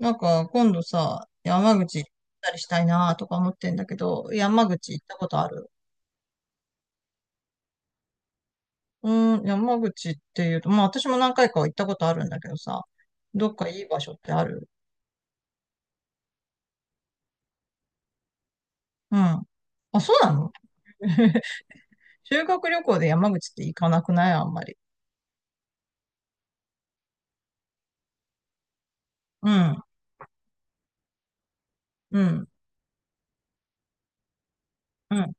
なんか、今度さ、山口行ったりしたいなとか思ってんだけど、山口行ったことある？うーん、山口っていうと、まあ私も何回かは行ったことあるんだけどさ、どっかいい場所ってある？うん。あ、そうなの？ 修学旅行で山口って行かなくない？あんまり。うん、うん、うん、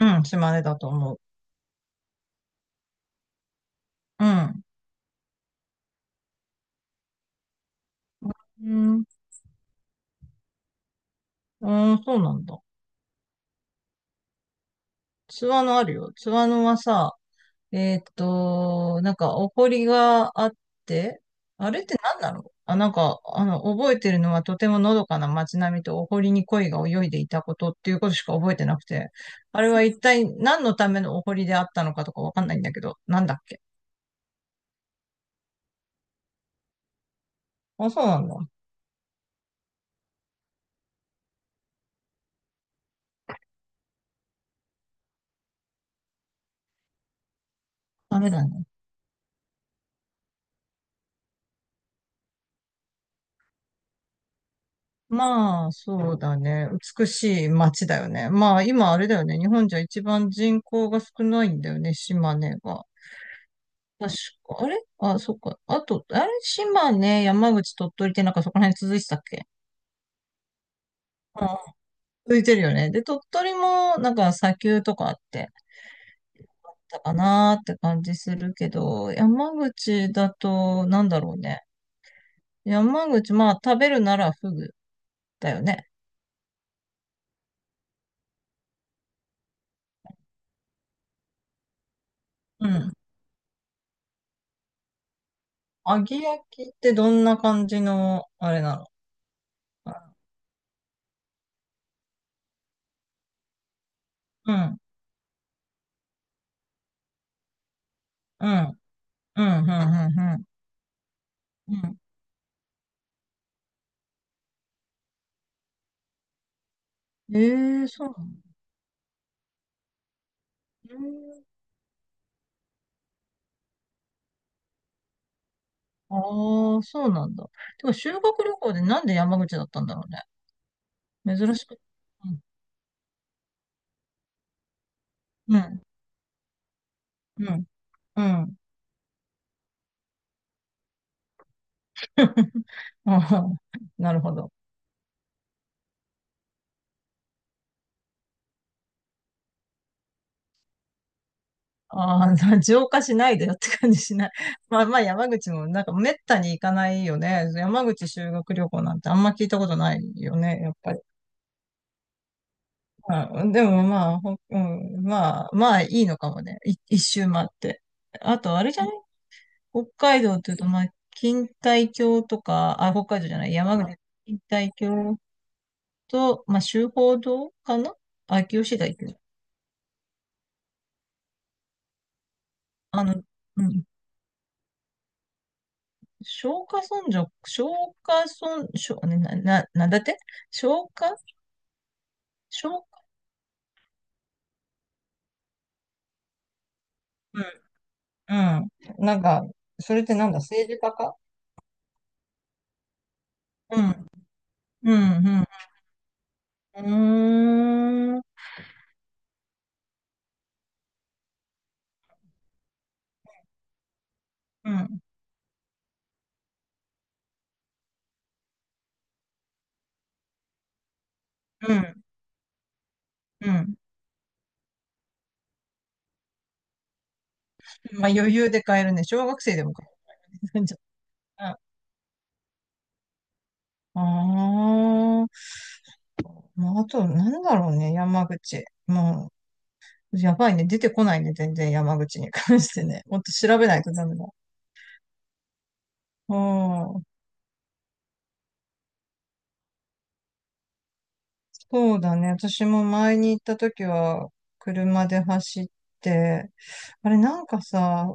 うん、島根だと思う。うん、うん、うん、そうなんだ。津和野あるよ。津和野はさ、なんか、お堀があって、あれって何なの？あ、なんか、覚えてるのはとてものどかな街並みとお堀に鯉が泳いでいたことっていうことしか覚えてなくて、あれは一体何のためのお堀であったのかとかわかんないんだけど、なんだっけ？あ、そうなんだ。ダメだね。まあ、そうだね。美しい街だよね。まあ、今あれだよね。日本じゃ一番人口が少ないんだよね、島根が。確か、あれ、あ、そっか。あと、あれ島根、山口、鳥取ってなんかそこら辺続いてたっけ？うん、続いてるよね。で、鳥取もなんか砂丘とかあって、たかなーって感じするけど、山口だと、なんだろうね。山口、まあ食べるならフグだよね。うん。揚げ焼きってどんな感じの、あれなの？うん、うん、うん、うん、うん、うん。うん、ええー、そうなの。ああ、そうなんだ。てか、修学旅行でなんで山口だったんだろう？ね。珍しく。うん、うん、うん。うん。 あー、なるほど。ああ、浄化しないでよって感じしない？まあまあ山口もなんかめったに行かないよね。山口修学旅行なんてあんま聞いたことないよね、やっぱり。うん、でもまあ、ほうん、まあ、まあいいのかもね。一周回って。あと、あれじゃ北海道っていうと、まあ、錦帯橋とか、あ、北海道じゃない、山口、錦帯橋と、まあ、周芳堂かな？秋吉台っていう。あの、うん。松下村松下村、しょ、ね、な、な、なんだって。松下、うん。うん、なんか、それってなんだ、政治家か？うん、うん、うん、うーん、うん、うん、うん。まあ、余裕で買えるね。小学生でも買える。うん。ああ、まあ、あと、なんだろうね、山口。もう、やばいね。出てこないね、全然山口に関してね。もっと調べないとダメだ。うん。そうだね。私も前に行った時は、車で走って、あれ、なんかさ、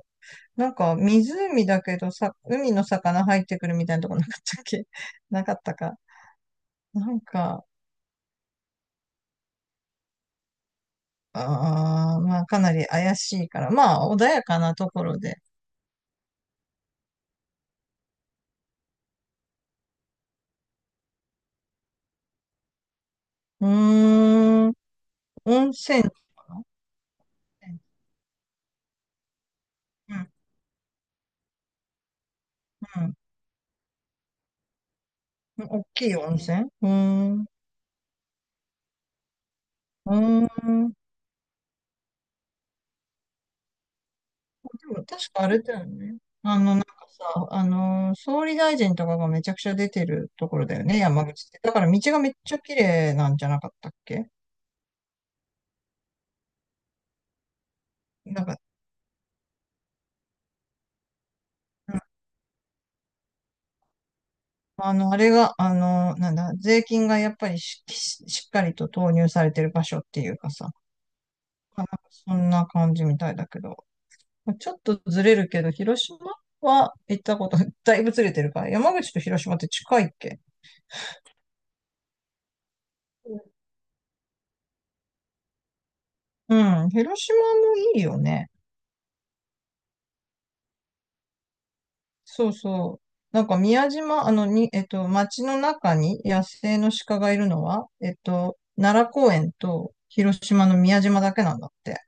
なんか湖だけどさ、海の魚入ってくるみたいなとこなかったっけ？ なかったか。なんか、あー、まあ、かなり怪しいから。まあ、穏やかなところで。うーん、温泉かな？うん、うん、大きい温泉、うーん。うーん。でも確かあれだよね。なんかさ、総理大臣とかがめちゃくちゃ出てるところだよね、山口って。だから道がめっちゃ綺麗なんじゃなかったっけ？なんか、あの、あれが、あの、なんだ、税金がやっぱりしっかりと投入されてる場所っていうかさ、なんかそんな感じみたいだけど。ちょっとずれるけど、広島は行ったこと、だいぶずれてるから、山口と広島って近いっけ？うん、広島もいいよね。そうそう。なんか宮島、に、町の中に野生の鹿がいるのは、奈良公園と広島の宮島だけなんだって。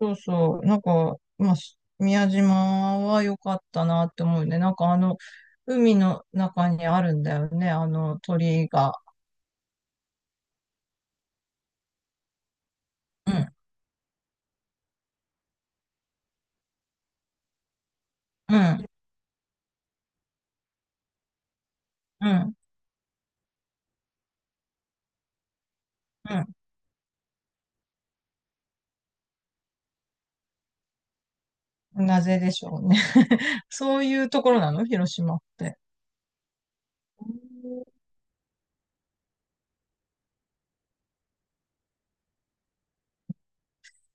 そうそう。なんか、まあ、宮島は良かったなって思うね。なんか、あの、海の中にあるんだよね。あの鳥居が。うん、うん、うん、うん。なぜでしょうね。そういうところなの広島って。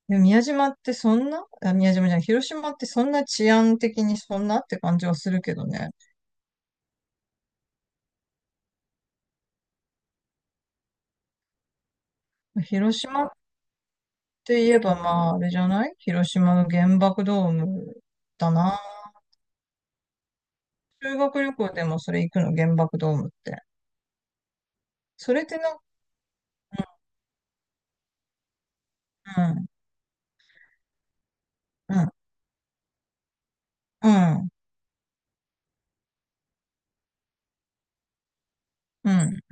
で、宮島ってそんな、あ、宮島じゃない、広島ってそんな治安的にそんなって感じはするけどね。広島って言えばまあ、あれじゃない、広島の原爆ドームだな。修学旅行でもそれ行くの、原爆ドームって？それってなんか、うん、うん、うん、うん、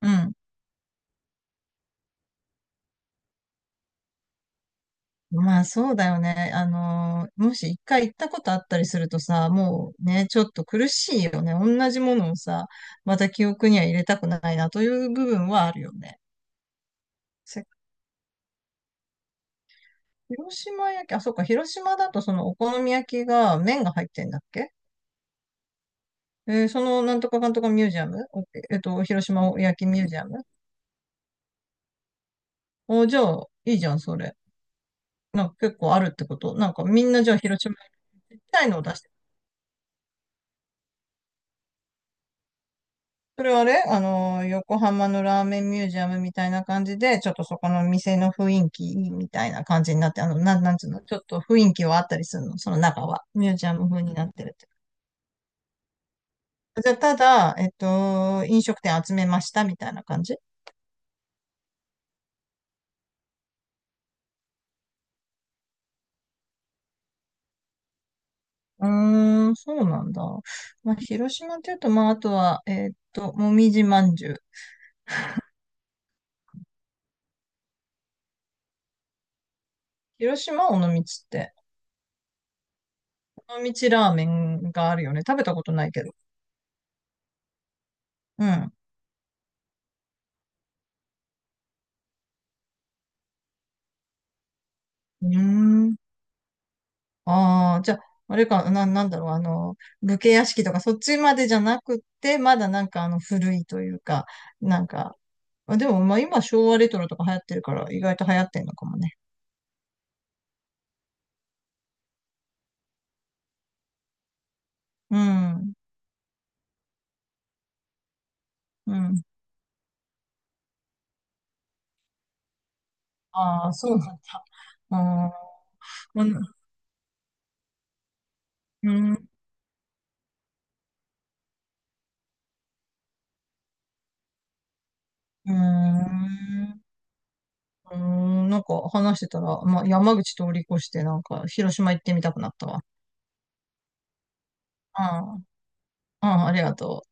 うん。まあ、そうだよね。もし一回行ったことあったりするとさ、もうね、ちょっと苦しいよね。同じものをさ、また記憶には入れたくないなという部分はあるよね。せ広島焼き、あ、そっか、広島だとそのお好み焼きが麺が入ってんだっけ？そのなんとかかんとかミュージアム、広島焼きミュージアム。お、じゃあ、いいじゃん、それ。なんか結構あるってこと。なんかみんなじゃあ広島焼きみたいのを出してる。それはあれ、あの横浜のラーメンミュージアムみたいな感じで、ちょっとそこの店の雰囲気いいみたいな感じになって、なんつうの、ちょっと雰囲気はあったりするの、その中は。ミュージアム風になってるって。じゃあ、ただ、飲食店集めましたみたいな感じ？うーん、そうなんだ。まあ、広島っていうと、まあ、あとは、もみじまんじゅう。広島尾道って、尾道ラーメンがあるよね。食べたことないけど。うん。うーん。ああ、じゃあ、あれか、なんだろう、あの、武家屋敷とか、そっちまでじゃなくって、まだなんか、あの、古いというか、なんか、まあでも、まあ、今、昭和レトロとか流行ってるから、意外と流行ってんのかもね。うん。うん。ああ、そうなんだ。あー、まあ、うん。うん。うーん、うーん、なんか話してたら、まあ、山口通り越して、なんか広島行ってみたくなったわ。うん、うん、ありがとう。